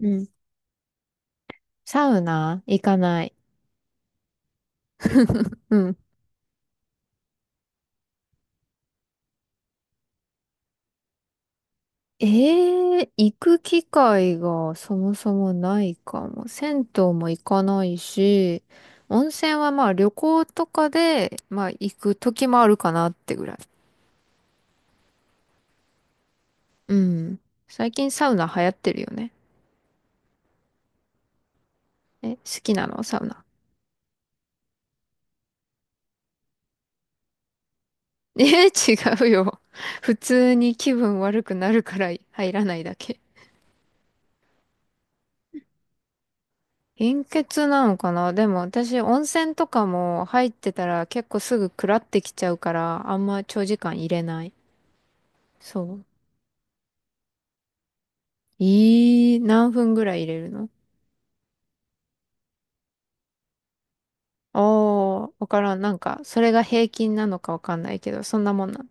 うん。サウナ行かない。うん。ええ、行く機会がそもそもないかも。銭湯も行かないし、温泉はまあ旅行とかで、まあ行く時もあるかなってぐらい。うん。最近サウナ流行ってるよね。え、好きなの、サウナ。え、違うよ。普通に気分悪くなるから入らないだけ。貧血なのかな、でも私温泉とかも入ってたら結構すぐくらってきちゃうから、あんま長時間入れない。そう。ええ、何分ぐらい入れるの？ああー、わからん。なんか、それが平均なのかわかんないけど、そんなもんなん。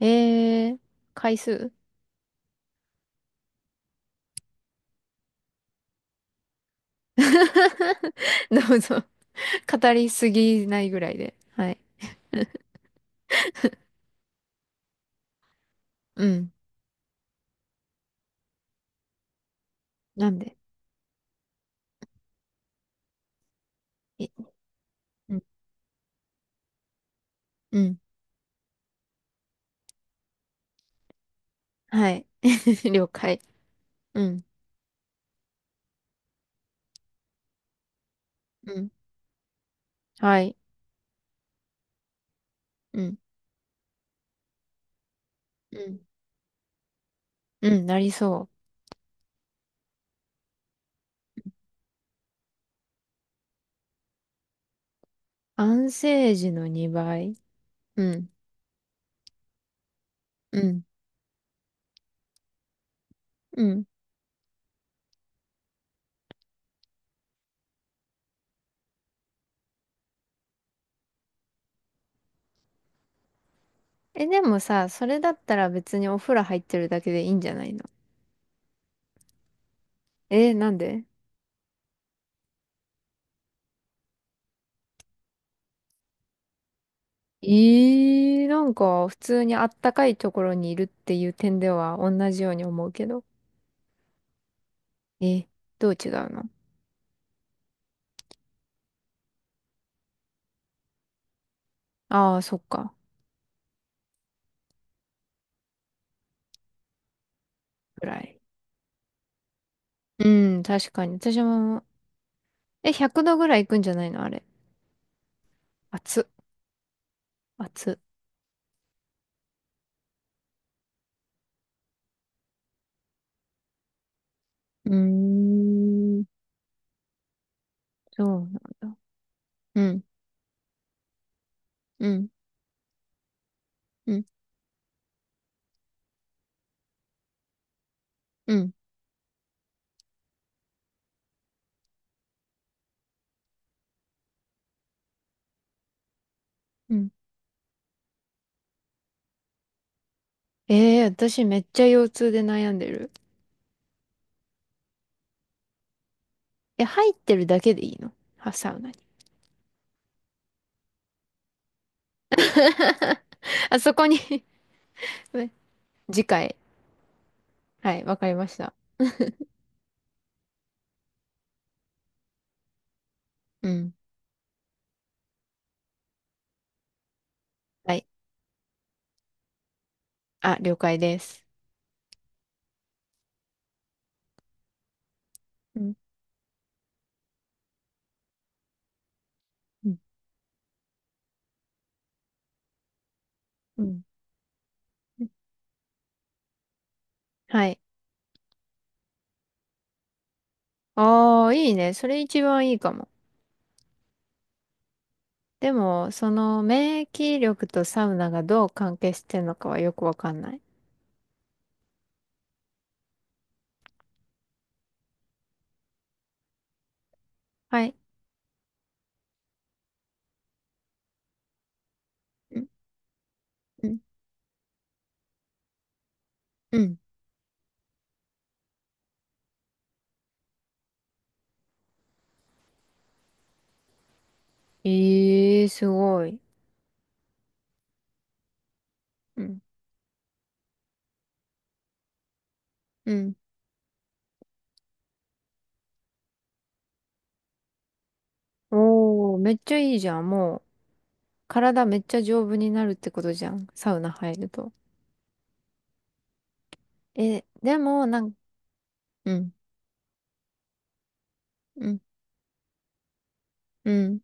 ええ、回数？ どうぞ。語りすぎないぐらいで。はい。うん。なんで？いうん。うん。はい。了解。うん。うん。はい。うん。うん。うん。なりそう。安静時の2倍。うん、うん、うん。え、でもさ、それだったら別にお風呂入ってるだけでいいんじゃないの？え、なんで？えー、なんか普通にあったかいところにいるっていう点では同じように思うけど。え、どう違うの？ああー、そっか。ぐらい。うん、確かに。私も、え、100度ぐらいいくんじゃないの、あれ。熱っ、熱っ。うーん、そうなんだ。うん、うん、うん、うん。うん、ええー、私めっちゃ腰痛で悩んでる。え、入ってるだけでいいの？は、サウナに。あそこに。 次回。はい、わかりました。うん。はい。あ、了解です。うん。うん。うん。はい。ああ、いいね。それ一番いいかも。でも、その免疫力とサウナがどう関係してるのかはよくわかんない。はい。うん。うん。うん。ええー、すごい。うん。うん。おー、めっちゃいいじゃん、もう。体めっちゃ丈夫になるってことじゃん。サウナ入ると。え、でも、なん、うん、うん、うん。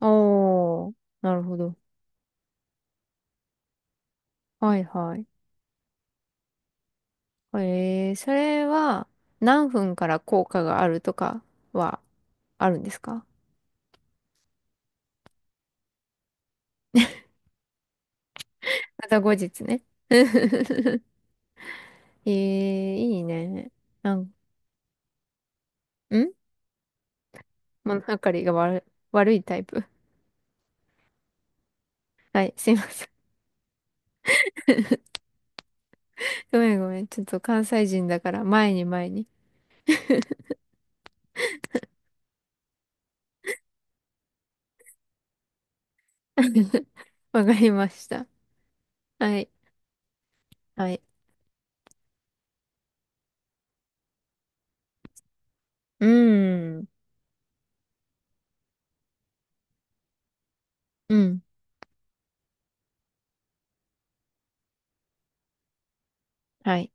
おー、なるほど。はいはい。えー、それは何分から効果があるとかはあるんですか？また後日ね。えー、いいね。なん、ん、物分かりが悪い、タイプ。はい、すいません。ごめんごめん。ちょっと関西人だから、前に前に。わかりました。はい。はい。うん。うん。はい。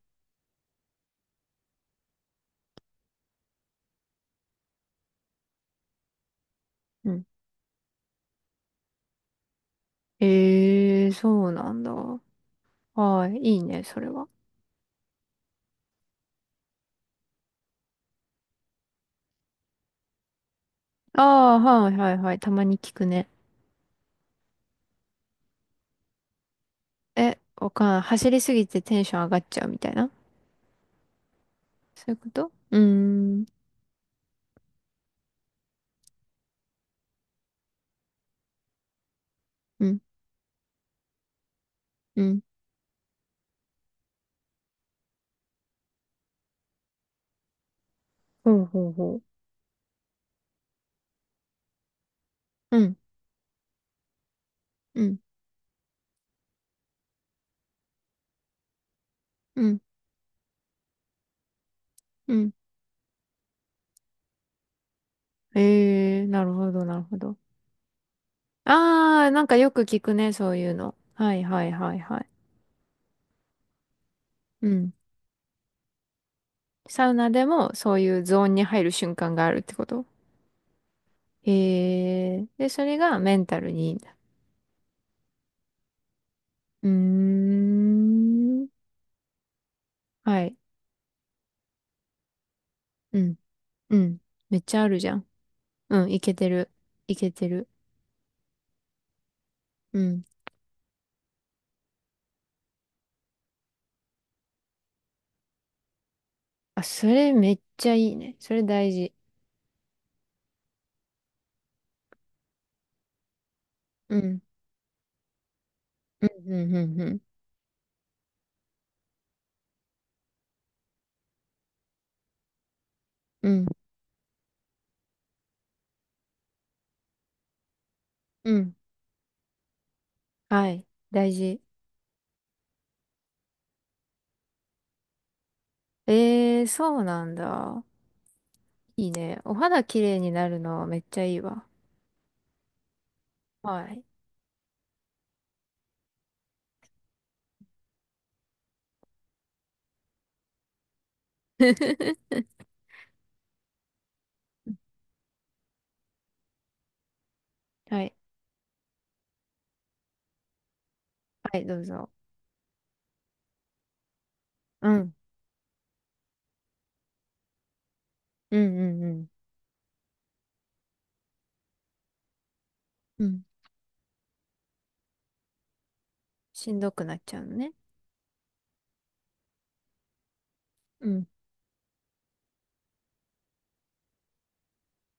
うん。ええ、そうなんだ。はい。いいね、それは。ああ、はいはいはい。たまに聞くね。え、わかんない。走りすぎてテンション上がっちゃうみたいな。そういうこと？うーん。うん。うん。ほうほうほう。うん。うん。うん。うん。ええ、なるほど、なるほど。ああ、なんかよく聞くね、そういうの。はいはいはいはい。うん。サウナでもそういうゾーンに入る瞬間があるってこと？へえ。で、それがメンタルにいいんだ。うーん。はい。うん。うん。めっちゃあるじゃん。うん。いけてる。いけてる。うん。あ、それめっちゃいいね。それ大事。うん。うん。うん。うん。うん。うん。うん。はい。大事。ええ、そうなんだ。いいね。お肌きれいになるのめっちゃいいわ。はい。はい。はい、どうぞ。うん。うんうんうん。うん。しんどくなっちゃうのね。うん。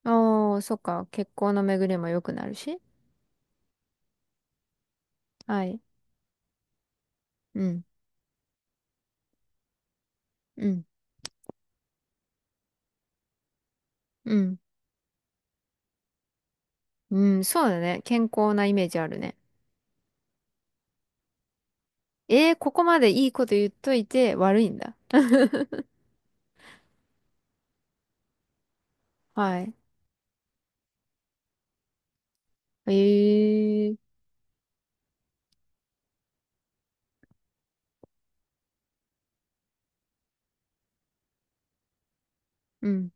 ああ、そっか。血行の巡りも良くなるし。はい。うん。うん。うん。うん。そうだね。健康なイメージあるね。えー、ここまでいいこと言っといて悪いんだ。はい。ええー。うん。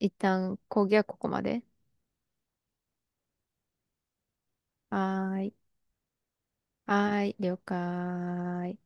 一旦、講義はここまで。はーい。はーい。了解。